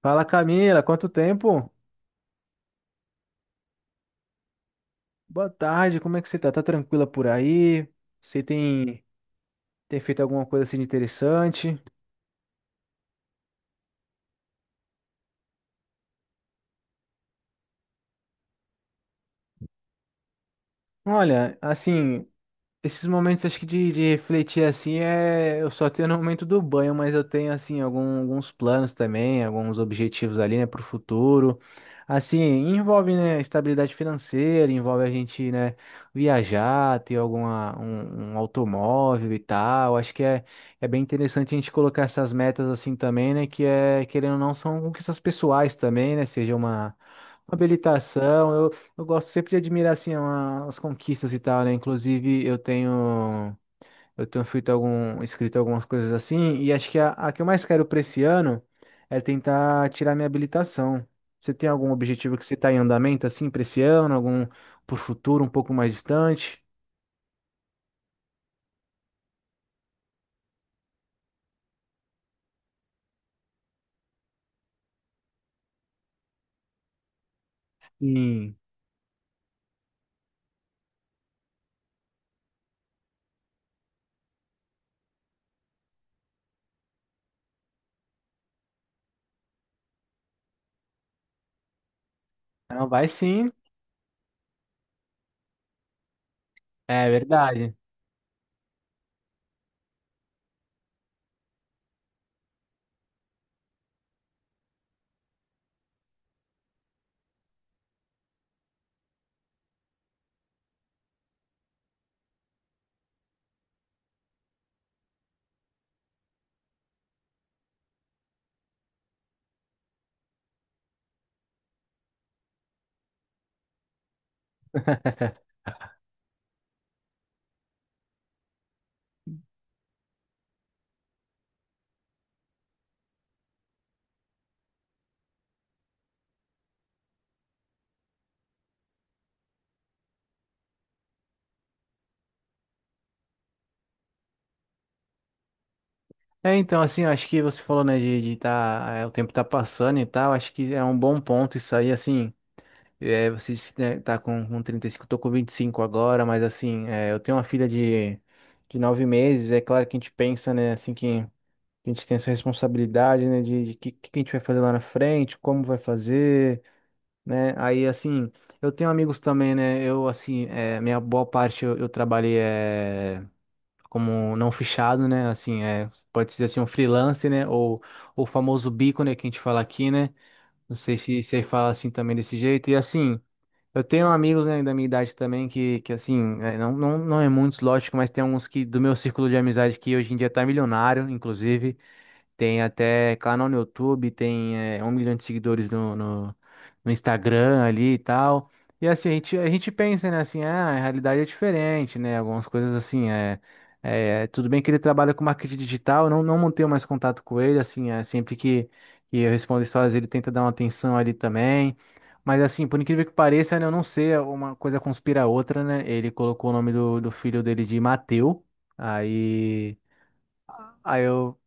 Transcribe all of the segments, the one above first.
Fala, Camila, quanto tempo? Boa tarde, como é que você tá? Tá tranquila por aí? Você tem feito alguma coisa assim de interessante? Olha, assim, esses momentos, acho que de refletir assim, eu só tenho no momento do banho, mas eu tenho assim alguns planos também, alguns objetivos ali, né, para o futuro. Assim, envolve, né, estabilidade financeira, envolve a gente, né, viajar, ter um automóvel e tal. Acho que é bem interessante a gente colocar essas metas assim também, né, que é, querendo ou não, são conquistas pessoais também, né, seja uma habilitação. Eu gosto sempre de admirar assim as conquistas e tal, né? Inclusive eu tenho feito algum escrito algumas coisas assim, e acho que a que eu mais quero para esse ano é tentar tirar minha habilitação. Você tem algum objetivo que você está em andamento assim para esse ano, algum pro futuro um pouco mais distante? Sim. Não, vai sim. É verdade. É, então, assim, eu acho que você falou, né, de tá, o tempo tá passando e tal, acho que é um bom ponto isso aí, assim. É, você disse que, né, tá com 35, eu tô com 25 agora, mas assim, eu tenho uma filha de 9 meses. É claro que a gente pensa, né, assim, que a gente tem essa responsabilidade, né, de que a gente vai fazer lá na frente, como vai fazer, né, aí assim, eu tenho amigos também, né, eu assim, é, minha boa parte eu trabalhei, como não fichado, né, assim, pode dizer assim, um freelance, né, ou o famoso bico, né, que a gente fala aqui, né, não sei se aí fala assim também desse jeito, e assim. Eu tenho amigos, né, da minha idade também que assim, é, não é muitos, lógico, mas tem alguns, que do meu círculo de amizade, que hoje em dia tá milionário, inclusive. Tem até canal no YouTube, tem, 1 milhão de seguidores no Instagram ali e tal. E assim, a gente pensa, né, assim, ah, a realidade é diferente, né? Algumas coisas assim, tudo bem que ele trabalha com marketing digital, eu não mantenho mais contato com ele, assim, sempre que eu respondo histórias, ele tenta dar uma atenção ali também. Mas assim, por incrível que pareça, né, eu não sei, uma coisa conspira a outra, né? Ele colocou o nome do filho dele de Mateu. Aí. Aí eu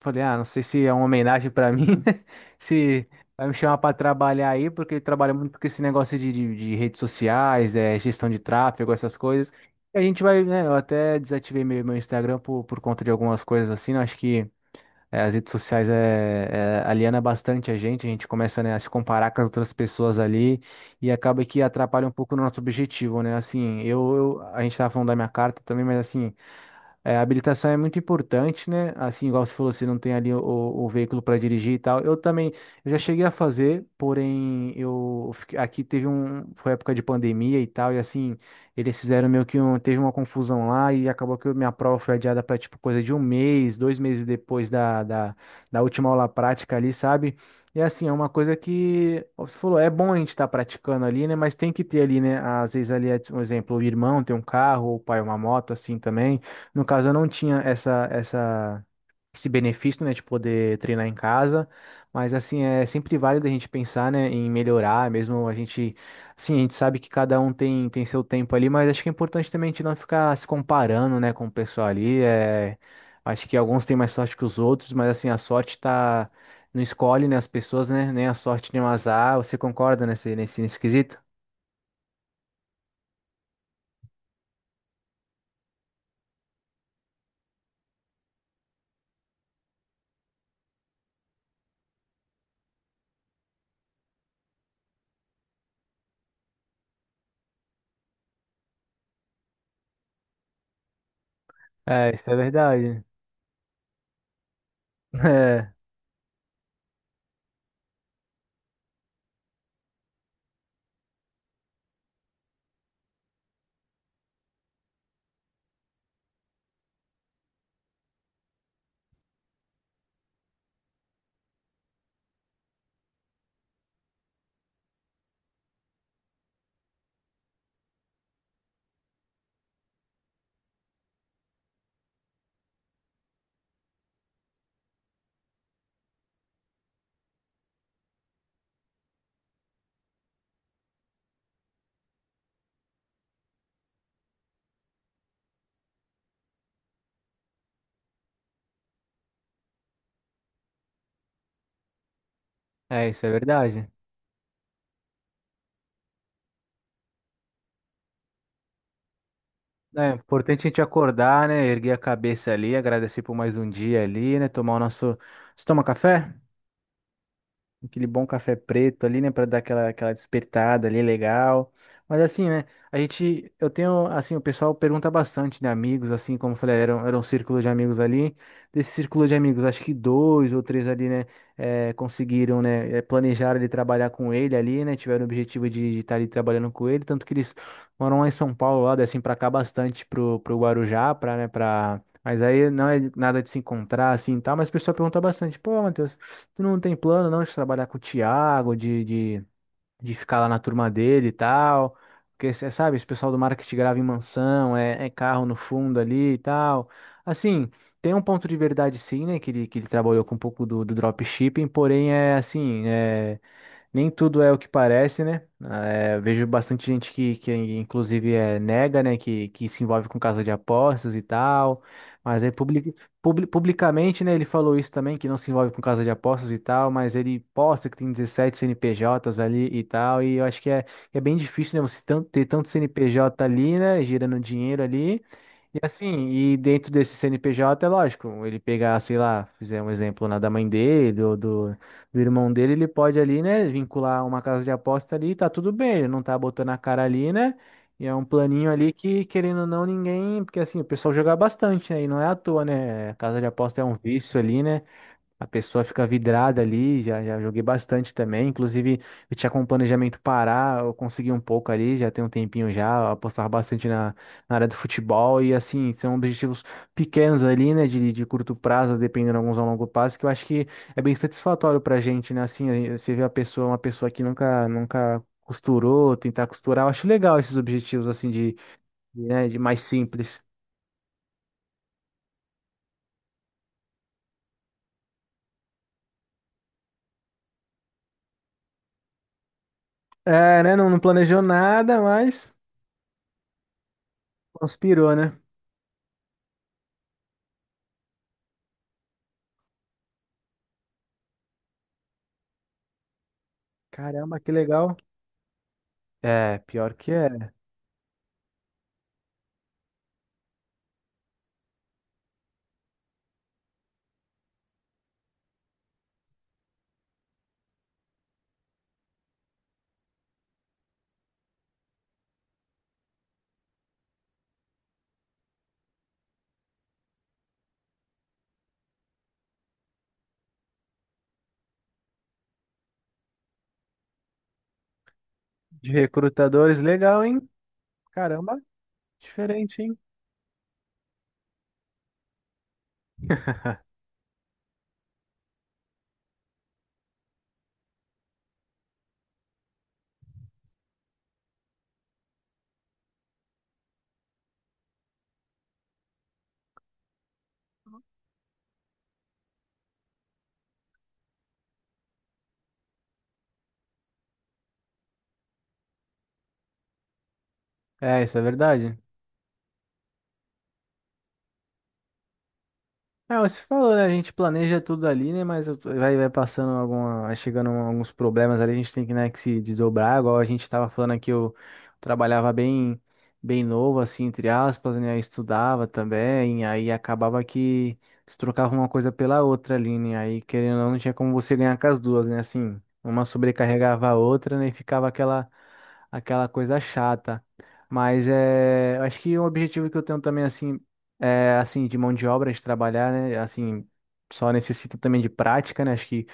falei, ah, não sei se é uma homenagem pra mim, né? Se vai me chamar pra trabalhar aí, porque eu trabalho muito com esse negócio de redes sociais, gestão de tráfego, essas coisas. E a gente vai, né? Eu até desativei meu Instagram por conta de algumas coisas assim, né? Acho que, as redes sociais, aliena bastante a gente. A gente começa, né, a se comparar com as outras pessoas ali, e acaba que atrapalha um pouco o nosso objetivo, né? Assim, a gente tava falando da minha carta também, mas assim. É, a habilitação é muito importante, né? Assim, igual você falou, você não tem ali o veículo para dirigir e tal. Eu também, eu já cheguei a fazer, porém, aqui teve um, foi época de pandemia e tal, e assim, eles fizeram meio que um, teve uma confusão lá, e acabou que minha prova foi adiada para tipo coisa de 1 mês, 2 meses depois da última aula prática ali, sabe? E assim, é uma coisa que, como você falou, é bom a gente estar praticando ali, né? Mas tem que ter ali, né? Às vezes ali, um exemplo, o irmão tem um carro, o pai uma moto, assim também. No caso, eu não tinha esse benefício, né, de poder treinar em casa, mas assim, é sempre válido a gente pensar, né, em melhorar. Mesmo a gente, assim, a gente sabe que cada um tem, seu tempo ali, mas acho que é importante também a gente não ficar se comparando, né, com o pessoal ali. Acho que alguns têm mais sorte que os outros, mas assim, a sorte tá, não escolhe, né, as pessoas, né, nem a sorte, nem o azar. Você concorda nesse quesito? É, isso é verdade. Isso é verdade. É importante a gente acordar, né? Erguer a cabeça ali, agradecer por mais um dia ali, né? Tomar o nosso. Você toma café? Aquele bom café preto ali, né, para dar aquela despertada ali legal. Mas assim, né, a gente eu tenho assim, o pessoal pergunta bastante, né, amigos, assim, como eu falei, era, era um círculo de amigos ali. Desse círculo de amigos, acho que dois ou três ali, né, conseguiram, né, planejaram ele trabalhar com ele ali, né, tiveram o objetivo de estar ali trabalhando com ele, tanto que eles moram lá em São Paulo, lá descem pra cá bastante pro Guarujá, pra, né, pra. Mas aí não é nada de se encontrar assim, e tal, mas o pessoal pergunta bastante, pô, Matheus, tu não tem plano, não, de trabalhar com o Thiago, de ficar lá na turma dele e tal. Porque, você sabe, esse pessoal do marketing grava em mansão, é carro no fundo ali e tal. Assim, tem um ponto de verdade sim, né? Que ele trabalhou com um pouco do dropshipping, porém é assim, nem tudo é o que parece, né? Vejo bastante gente que inclusive, nega, né? Que se envolve com casa de apostas e tal. Mas aí, publicamente, né? Ele falou isso também, que não se envolve com casa de apostas e tal. Mas ele posta que tem 17 CNPJs ali e tal. E eu acho que é bem difícil, né? Você ter tanto CNPJ ali, né? Girando dinheiro ali. E assim, e dentro desse CNPJ, é lógico, ele pegar, sei lá, fizer um exemplo na da mãe dele ou do irmão dele. Ele pode ali, né, vincular uma casa de aposta ali, tá tudo bem, ele não tá botando a cara ali, né? E é um planinho ali que, querendo ou não, ninguém, porque assim, o pessoal joga bastante, né? E não é à toa, né? Casa de aposta é um vício ali, né? A pessoa fica vidrada ali, já joguei bastante também. Inclusive, eu tinha com planejamento parar, eu consegui um pouco ali, já tem um tempinho já, apostar bastante na área do futebol. E assim, são objetivos pequenos ali, né, de curto prazo, dependendo alguns a longo prazo, que eu acho que é bem satisfatório pra gente, né? Assim, aí você vê a pessoa, uma pessoa que nunca, nunca costurou, tentar costurar. Eu acho legal esses objetivos, assim, né, de mais simples. É, né? Não, não planejou nada, mas conspirou, né? Caramba, que legal. É, pior que é. De recrutadores, legal, hein? Caramba, diferente, hein? É, isso é verdade. É, você falou, né? A gente planeja tudo ali, né? Mas vai, passando alguma, vai chegando alguns problemas ali, a gente tem que, né, que se desdobrar, igual a gente tava falando aqui. Eu trabalhava bem, bem novo, assim, entre aspas, né? Eu estudava também, aí acabava que se trocava uma coisa pela outra ali, né? Aí, querendo ou não, não tinha como você ganhar com as duas, né? Assim, uma sobrecarregava a outra, né? E ficava aquela coisa chata. Mas eu acho que um objetivo que eu tenho também, assim, assim, de mão de obra, de trabalhar, né? Assim, só necessita também de prática, né? Acho que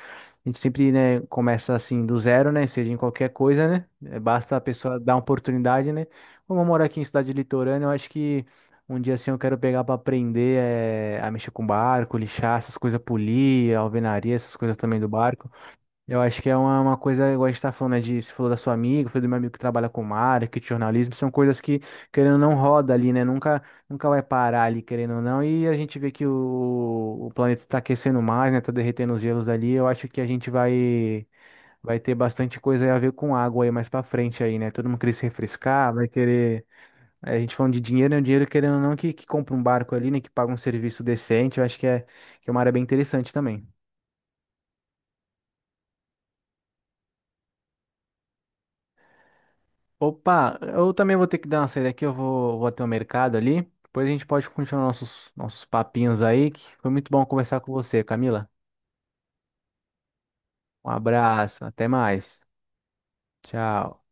a gente sempre, né, começa assim do zero, né? Seja em qualquer coisa, né? É, basta a pessoa dar uma oportunidade, né? Como eu moro aqui em cidade litorânea, eu acho que um dia assim eu quero pegar para aprender, a mexer com barco, lixar essas coisas, polir, alvenaria, essas coisas também do barco. Eu acho que é uma coisa, igual a gente tá falando, né, de, você falou da sua amiga, foi do meu amigo que trabalha com marketing, jornalismo, são coisas que, querendo ou não, roda ali, né, nunca, nunca vai parar ali, querendo ou não. E a gente vê que o planeta tá aquecendo mais, né, tá derretendo os gelos ali. Eu acho que a gente vai, ter bastante coisa a ver com água aí mais pra frente aí, né, todo mundo querer se refrescar, vai querer, a gente falando de dinheiro, né, o dinheiro, querendo ou não, que compra um barco ali, né, que paga um serviço decente. Eu acho que que é uma área bem interessante também. Opa, eu também vou ter que dar uma saída aqui, eu vou, até o mercado ali. Depois a gente pode continuar nossos papinhos aí, que foi muito bom conversar com você, Camila. Um abraço, até mais. Tchau.